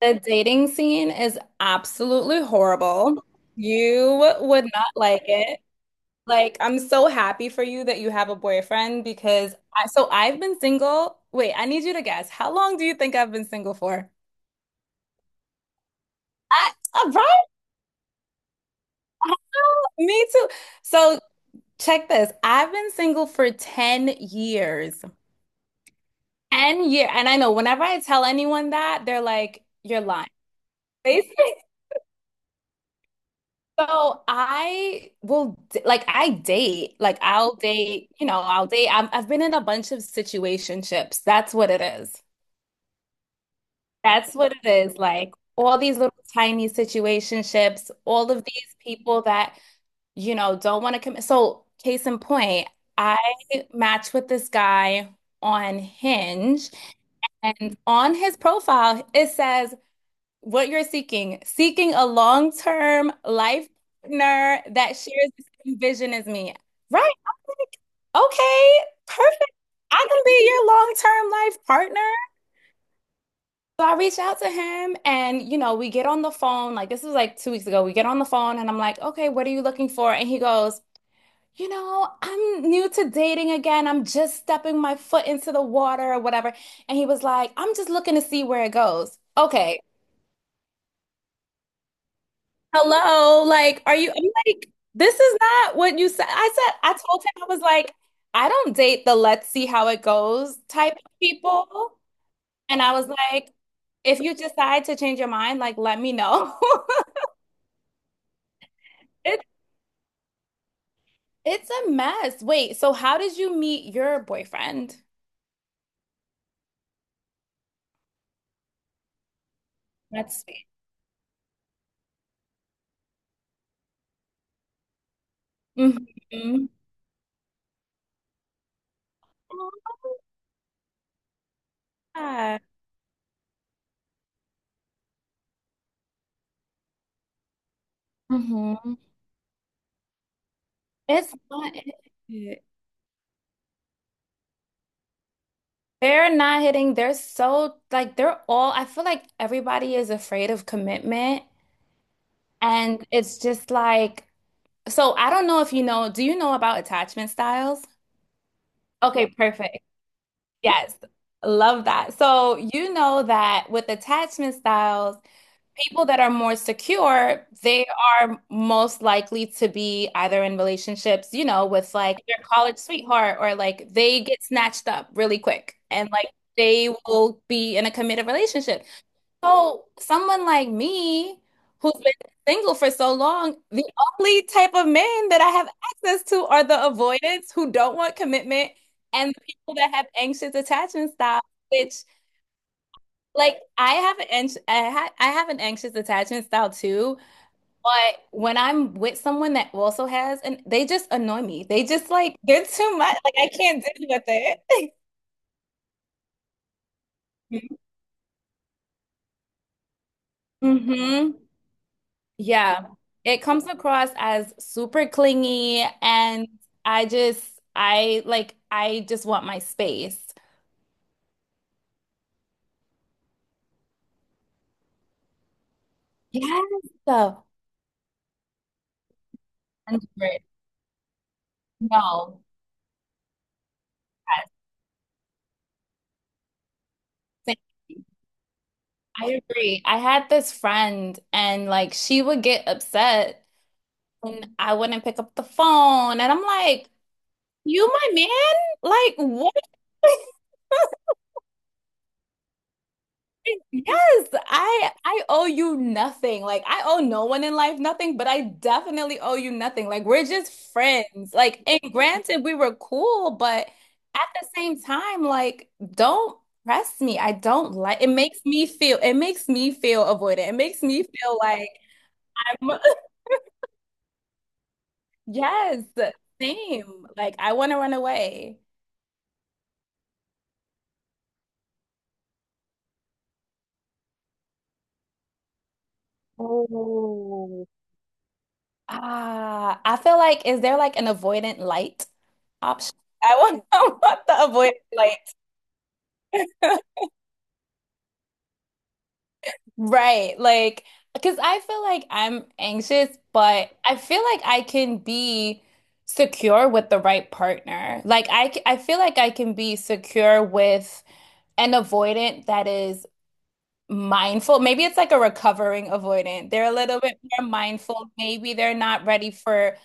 The dating scene is absolutely horrible. You would not like it. Like, I'm so happy for you that you have a boyfriend because I've been single. Wait, I need you to guess. How long do you think I've been single for? I, right? Me too. So check this. I've been single for 10 years. 10 year. And I know whenever I tell anyone that, they're like, you're lying. Basically. So I will d- like I date like I'll date I've been in a bunch of situationships. That's what it is, like all these little tiny situationships, all of these people that, you know, don't want to commit. So case in point, I matched with this guy on Hinge, and on his profile it says what you're seeking, seeking a long-term life partner that shares the same vision as me. Right. I'm like, okay, perfect. I can be your long-term life partner. So I reached out to him and, you know, we get on the phone. Like, this was like 2 weeks ago. We get on the phone and I'm like, okay, what are you looking for? And he goes, you know, I'm new to dating again. I'm just stepping my foot into the water or whatever. And he was like, I'm just looking to see where it goes. Okay. Hello, like, are you, I'm like, this is not what you said. I said, I told him, I was like, I don't date the let's see how it goes type of people. And I was like, if you decide to change your mind, like, let me know. It, it's a mess. Wait, so how did you meet your boyfriend? That's sweet. Hmm hmm It's not it. They're not hitting. They're so like they're all. I feel like everybody is afraid of commitment. And it's just like, so I don't know if you know, do you know about attachment styles? Okay, perfect. Yes. Love that. So you know that with attachment styles, people that are more secure, they are most likely to be either in relationships, you know, with like their college sweetheart, or like they get snatched up really quick and like they will be in a committed relationship. So someone like me, who's been single for so long, the only type of men that I have access to are the avoidants who don't want commitment and the people that have anxious attachment style, which like I have an anxious attachment style too, but when I'm with someone that also has, and they just annoy me. They just like they're too much. Like I can't deal with it. hmm Yeah, it comes across as super clingy, and I like, I just want my space. Yes, the 100. No, yes, same. I agree. I had this friend, and like, she would get upset, and I wouldn't pick up the phone, and I'm like, "You my man? Like, what?" Yes, I owe you nothing. Like I owe no one in life nothing, but I definitely owe you nothing. Like we're just friends. Like and granted we were cool, but at the same time, like don't press me. I don't like it makes me feel avoided. It makes me feel like I'm yes, same. Like I want to run away. Oh. Ah, I feel like is there like an avoidant light option? I want to avoid lights. Right. Like, because I feel like I'm anxious, but I feel like I can be secure with the right partner. Like, I feel like I can be secure with an avoidant that is mindful. Maybe it's like a recovering avoidant. They're a little bit more mindful. Maybe they're not ready for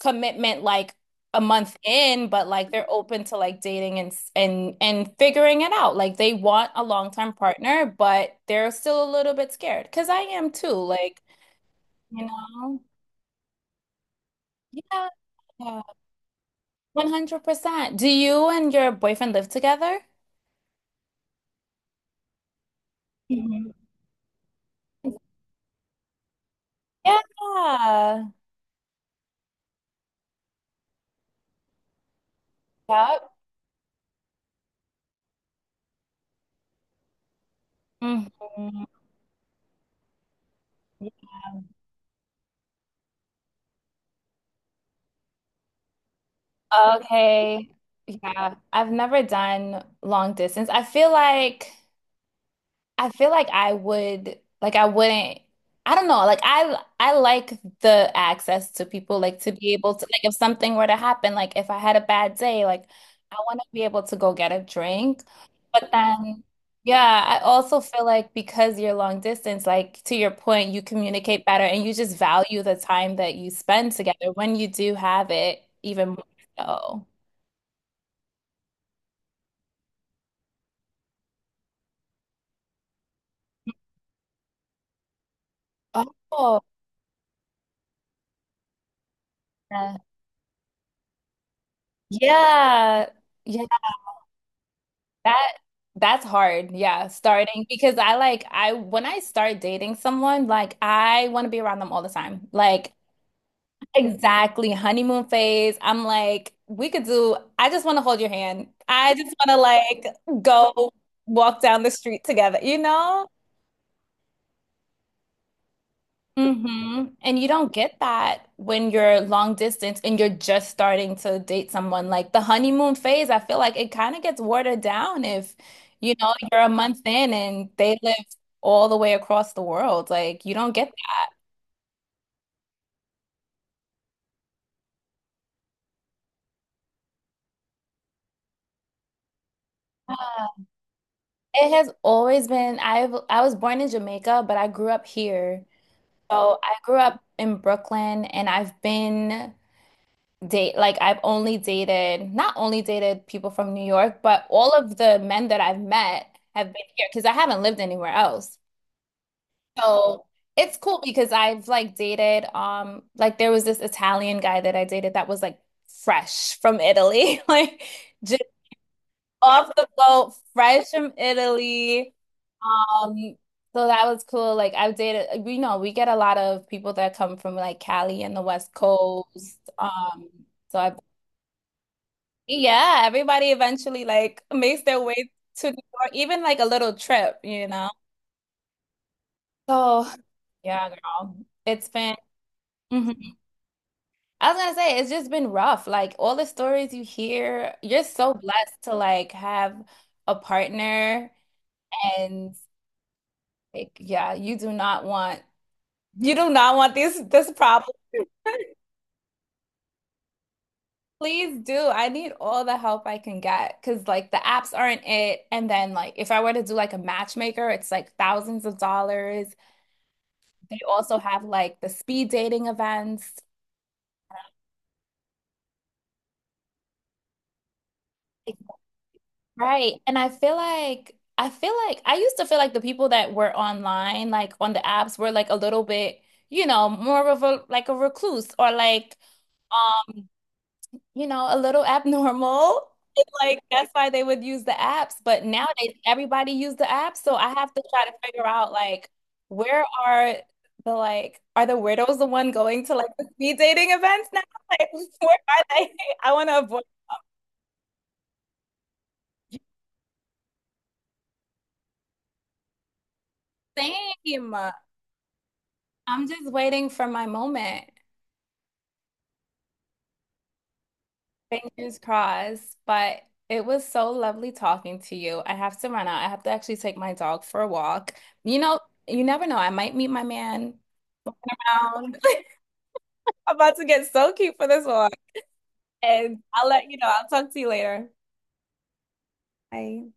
commitment like a month in, but like they're open to like dating and figuring it out. Like they want a long-term partner, but they're still a little bit scared. Cause I am too. Like, you know. Yeah. 100%. Do you and your boyfriend live together? Mhm. Yeah. Yep. Mhm. Okay. Yeah. I've never done long distance. I feel like I would like I wouldn't I don't know. Like I like the access to people, like to be able to like if something were to happen, like if I had a bad day, like I want to be able to go get a drink. But then yeah, I also feel like because you're long distance, like to your point, you communicate better and you just value the time that you spend together when you do have it even more so. Oh, yeah. Yeah. Yeah, that that's hard. Yeah, starting because I like I when I start dating someone, like I want to be around them all the time. Like exactly, honeymoon phase. I'm like we could do, I just want to hold your hand, I just want to like go walk down the street together, you know? Hmm And you don't get that when you're long distance and you're just starting to date someone. Like the honeymoon phase, I feel like it kind of gets watered down if, you know, you're a month in and they live all the way across the world. Like you don't get that. It has always been, I've I was born in Jamaica, but I grew up here. So I grew up in Brooklyn, and I've been date like I've only dated, not only dated people from New York, but all of the men that I've met have been here because I haven't lived anywhere else. So it's cool because I've like dated like there was this Italian guy that I dated that was like fresh from Italy, like just off the boat, fresh from Italy. Um So that was cool. Like I've dated, you know, we get a lot of people that come from like Cali and the West Coast. So I've Yeah, everybody eventually like makes their way to New York, even like a little trip, you know? So, yeah, girl, it's been, Mhm. I was gonna say, it's just been rough. Like all the stories you hear, you're so blessed to like have a partner, and like, yeah, you do not want, you do not want this, this problem. Please do. I need all the help I can get because like the apps aren't it. And then like if I were to do like a matchmaker, it's like thousands of dollars. They also have like the speed dating events. Like, right. And I feel like I used to feel like the people that were online, like on the apps, were like a little bit, you know, more of a like a recluse, or like, you know, a little abnormal. It's like that's why they would use the apps, but nowadays everybody use the apps, so I have to try to figure out like where are the, like are the weirdos the one going to like the speed dating events now? Like where are they? I want to avoid same. I'm just waiting for my moment. Fingers crossed, but it was so lovely talking to you. I have to run out. I have to actually take my dog for a walk. You know, you never know. I might meet my man. Down. I'm about to get so cute for this one. And I'll let you know. I'll talk to you later. Bye.